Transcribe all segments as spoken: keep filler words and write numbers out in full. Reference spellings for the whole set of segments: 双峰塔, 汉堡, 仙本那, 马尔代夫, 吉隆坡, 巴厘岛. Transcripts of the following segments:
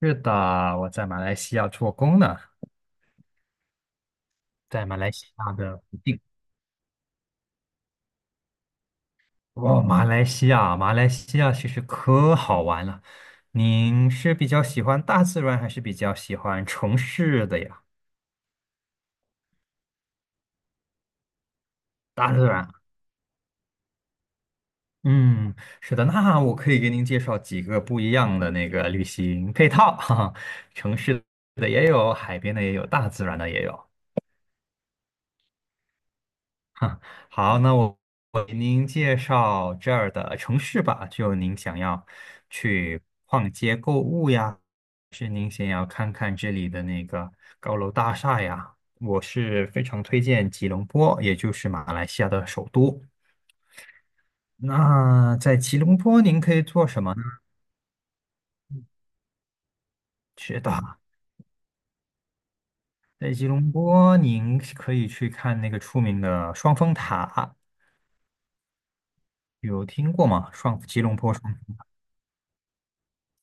是的，我在马来西亚做工呢，在马来西亚的普近。哦，马来西亚，马来西亚其实可好玩了。您是比较喜欢大自然，还是比较喜欢城市的呀？大自然。嗯，是的，那我可以给您介绍几个不一样的那个旅行配套，哈哈，城市的也有，海边的也有，大自然的也有。好，那我我给您介绍这儿的城市吧。就您想要去逛街购物呀，是您想要看看这里的那个高楼大厦呀，我是非常推荐吉隆坡，也就是马来西亚的首都。那在吉隆坡您可以做什么呢？是的，在吉隆坡您可以去看那个出名的双峰塔，有听过吗？双吉隆坡双。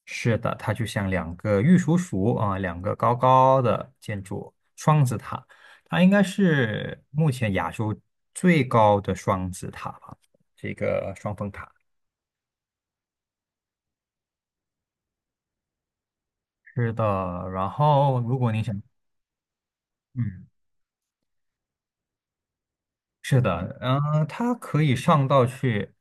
是的，它就像两个玉蜀黍啊，两个高高的建筑双子塔，它应该是目前亚洲最高的双子塔吧，这个双峰塔。是的，然后如果你想，嗯，是的，嗯、呃，它可以上到去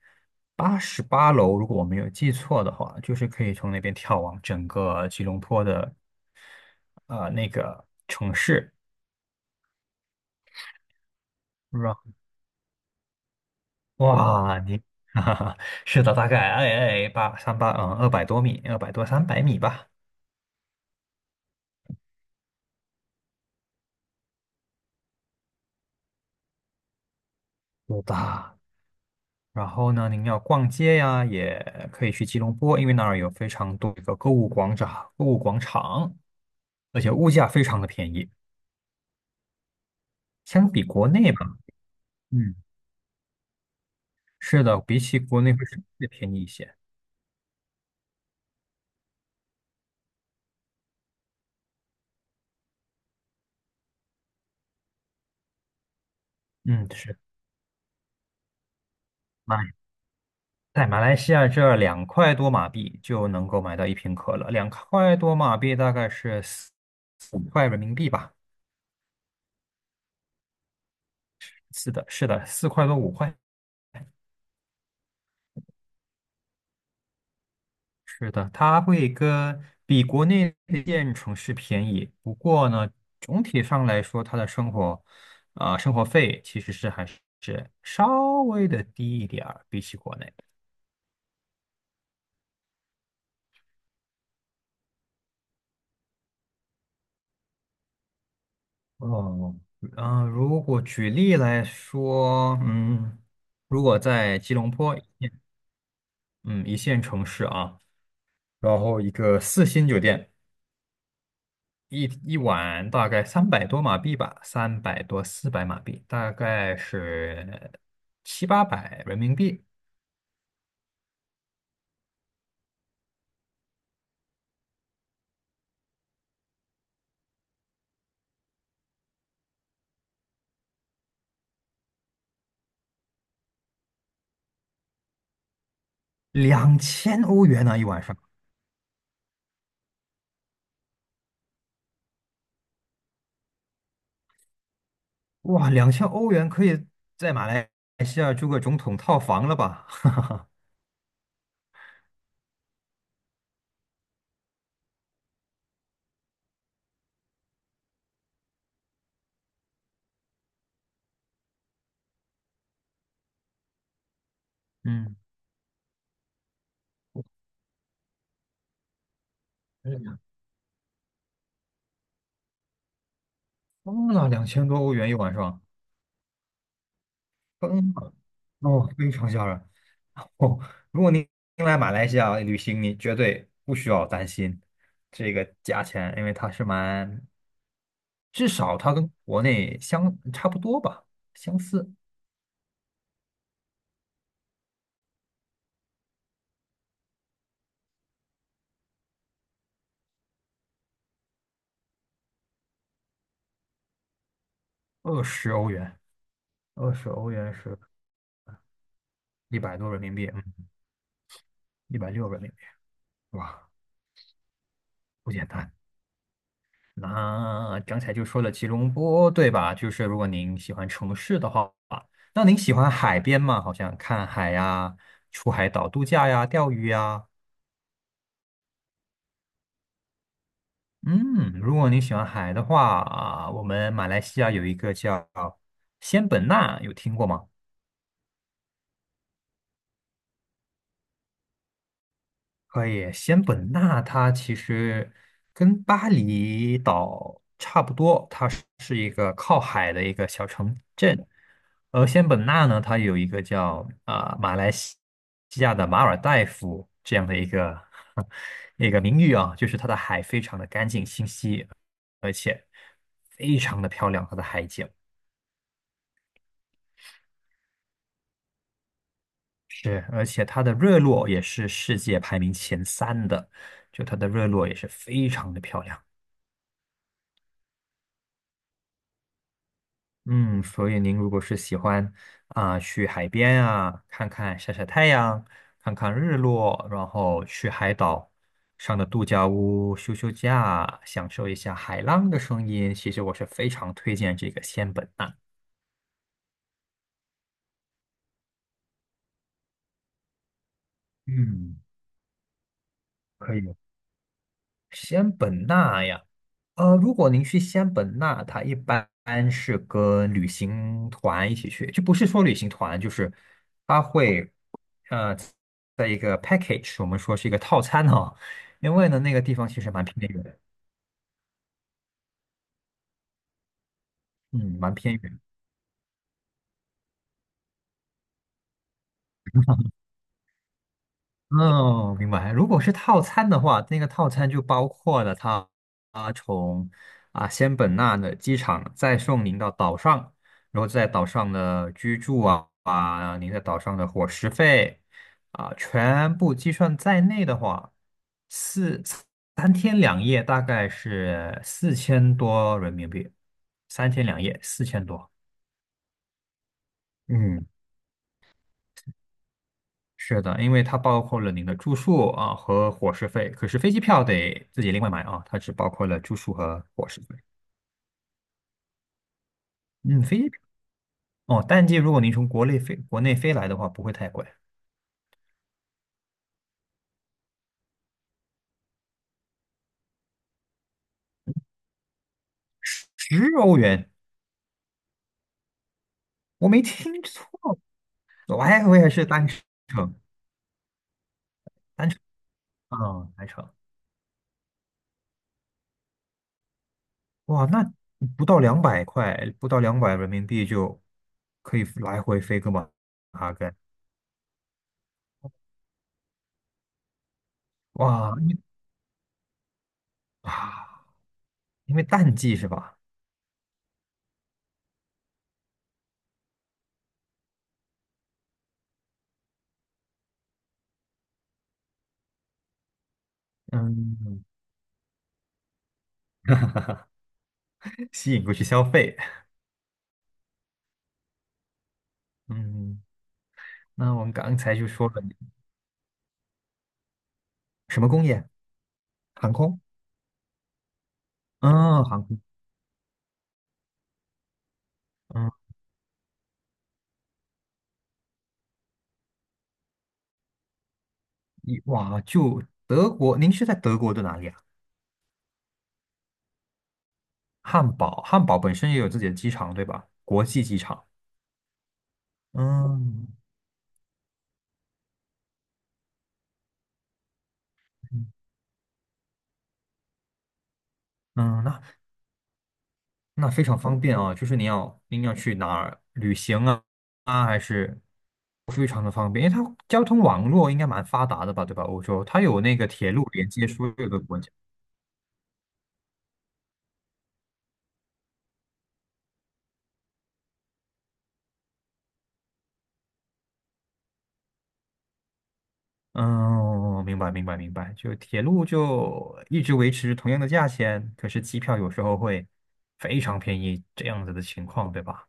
八十八楼，如果我没有记错的话，就是可以从那边眺望整个吉隆坡的呃那个城市。是哇，你，哈哈，是的，大概哎哎八三八嗯二百多米，二百多三百米吧，有的。然后呢，您要逛街呀，也可以去吉隆坡，因为那儿有非常多的购物广场，购物广场，而且物价非常的便宜，相比国内吧，嗯，是的，比起国内会稍微便宜一些。嗯，是，马在马来西亚这儿两块多马币就能够买到一瓶可乐，两块多马币大概是四五块人民币吧。是的，是的，四块多五块，是的，它会跟比国内一线城市便宜。不过呢，总体上来说，它的生活，啊、生活费其实是还是稍微的低一点儿，比起国内。哦，嗯、呃如果举例来说，嗯，如果在吉隆坡，嗯，一线城市啊，然后一个四星酒店。一一晚大概三百多马币吧，三百多四百马币，大概是七八百人民币，两千欧元呢、一晚上。哇，两千欧元可以在马来西亚住个总统套房了吧？嗯，疯了，两千多欧元一晚上，疯了，哦，非常吓人。哦，如果您您来马来西亚旅行，你绝对不需要担心这个价钱，因为它是蛮，至少它跟国内相差不多吧，相似，二十欧元，二十欧元是一百多人民币，嗯，一百六人民币，哇，不简单。那刚才就说了吉隆坡，对吧？就是如果您喜欢城市的话，那您喜欢海边吗？好像看海呀、出海岛度假呀、钓鱼呀。嗯，如果你喜欢海的话啊，我们马来西亚有一个叫仙本那，有听过吗？可以，仙本那它其实跟巴厘岛差不多，它是是一个靠海的一个小城镇。而仙本那呢，它有一个叫啊、马来西西亚的马尔代夫这样的一个 一个名誉啊，就是它的海非常的干净清晰，而且非常的漂亮，它的海景。是，而且它的日落也是世界排名前三的，就它的日落也是非常的漂亮。嗯，所以您如果是喜欢啊、去海边啊，看看晒晒太阳，看看日落，然后去海岛上的度假屋休休假，享受一下海浪的声音，其实我是非常推荐这个仙本那。嗯，可以。西安本纳呀，呃，如果您去西安本纳，它一般是跟旅行团一起去，就不是说旅行团，就是它会呃，在一个 package,我们说是一个套餐哈、因为呢，那个地方其实蛮偏远的，嗯，蛮偏远。哦，明白。如果是套餐的话，那个套餐就包括了它啊从啊仙本那的机场再送您到岛上，然后在岛上的居住啊啊，您在岛上的伙食费啊，全部计算在内的话，四三天两夜大概是四千多人民币，三天两夜四千多。嗯，是的，因为它包括了您的住宿啊和伙食费，可是飞机票得自己另外买啊，它只包括了住宿和伙食费。嗯，飞机票哦，淡季如果您从国内飞国内飞来的话，不会太贵，十欧元，我没听错，我还我也是单程啊，单程，哇，那不到两百块，不到两百人民币就可以来回飞个马哈根，哇，因为啊，因为淡季是吧？嗯，吸引过去消费，嗯。那我们刚才就说了什么工业？航空？嗯，航空。嗯，一哇，就德国，您是在德国的哪里啊？汉堡，汉堡本身也有自己的机场，对吧？国际机场。嗯嗯，嗯那那非常方便啊，就是您要您要去哪儿旅行啊啊，还是非常的方便，因为它交通网络应该蛮发达的吧，对吧？欧洲它有那个铁路连接所有的国家。嗯，明白明白明白，就铁路就一直维持同样的价钱，可是机票有时候会非常便宜，这样子的情况，对吧？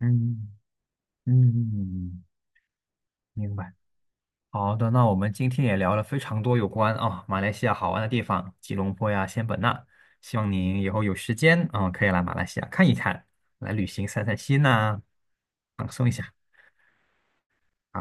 嗯嗯，明白。好的，那我们今天也聊了非常多有关啊、马来西亚好玩的地方，吉隆坡呀、仙本那，希望您以后有时间啊、可以来马来西亚看一看，来旅行散散心呐、放松一下。好。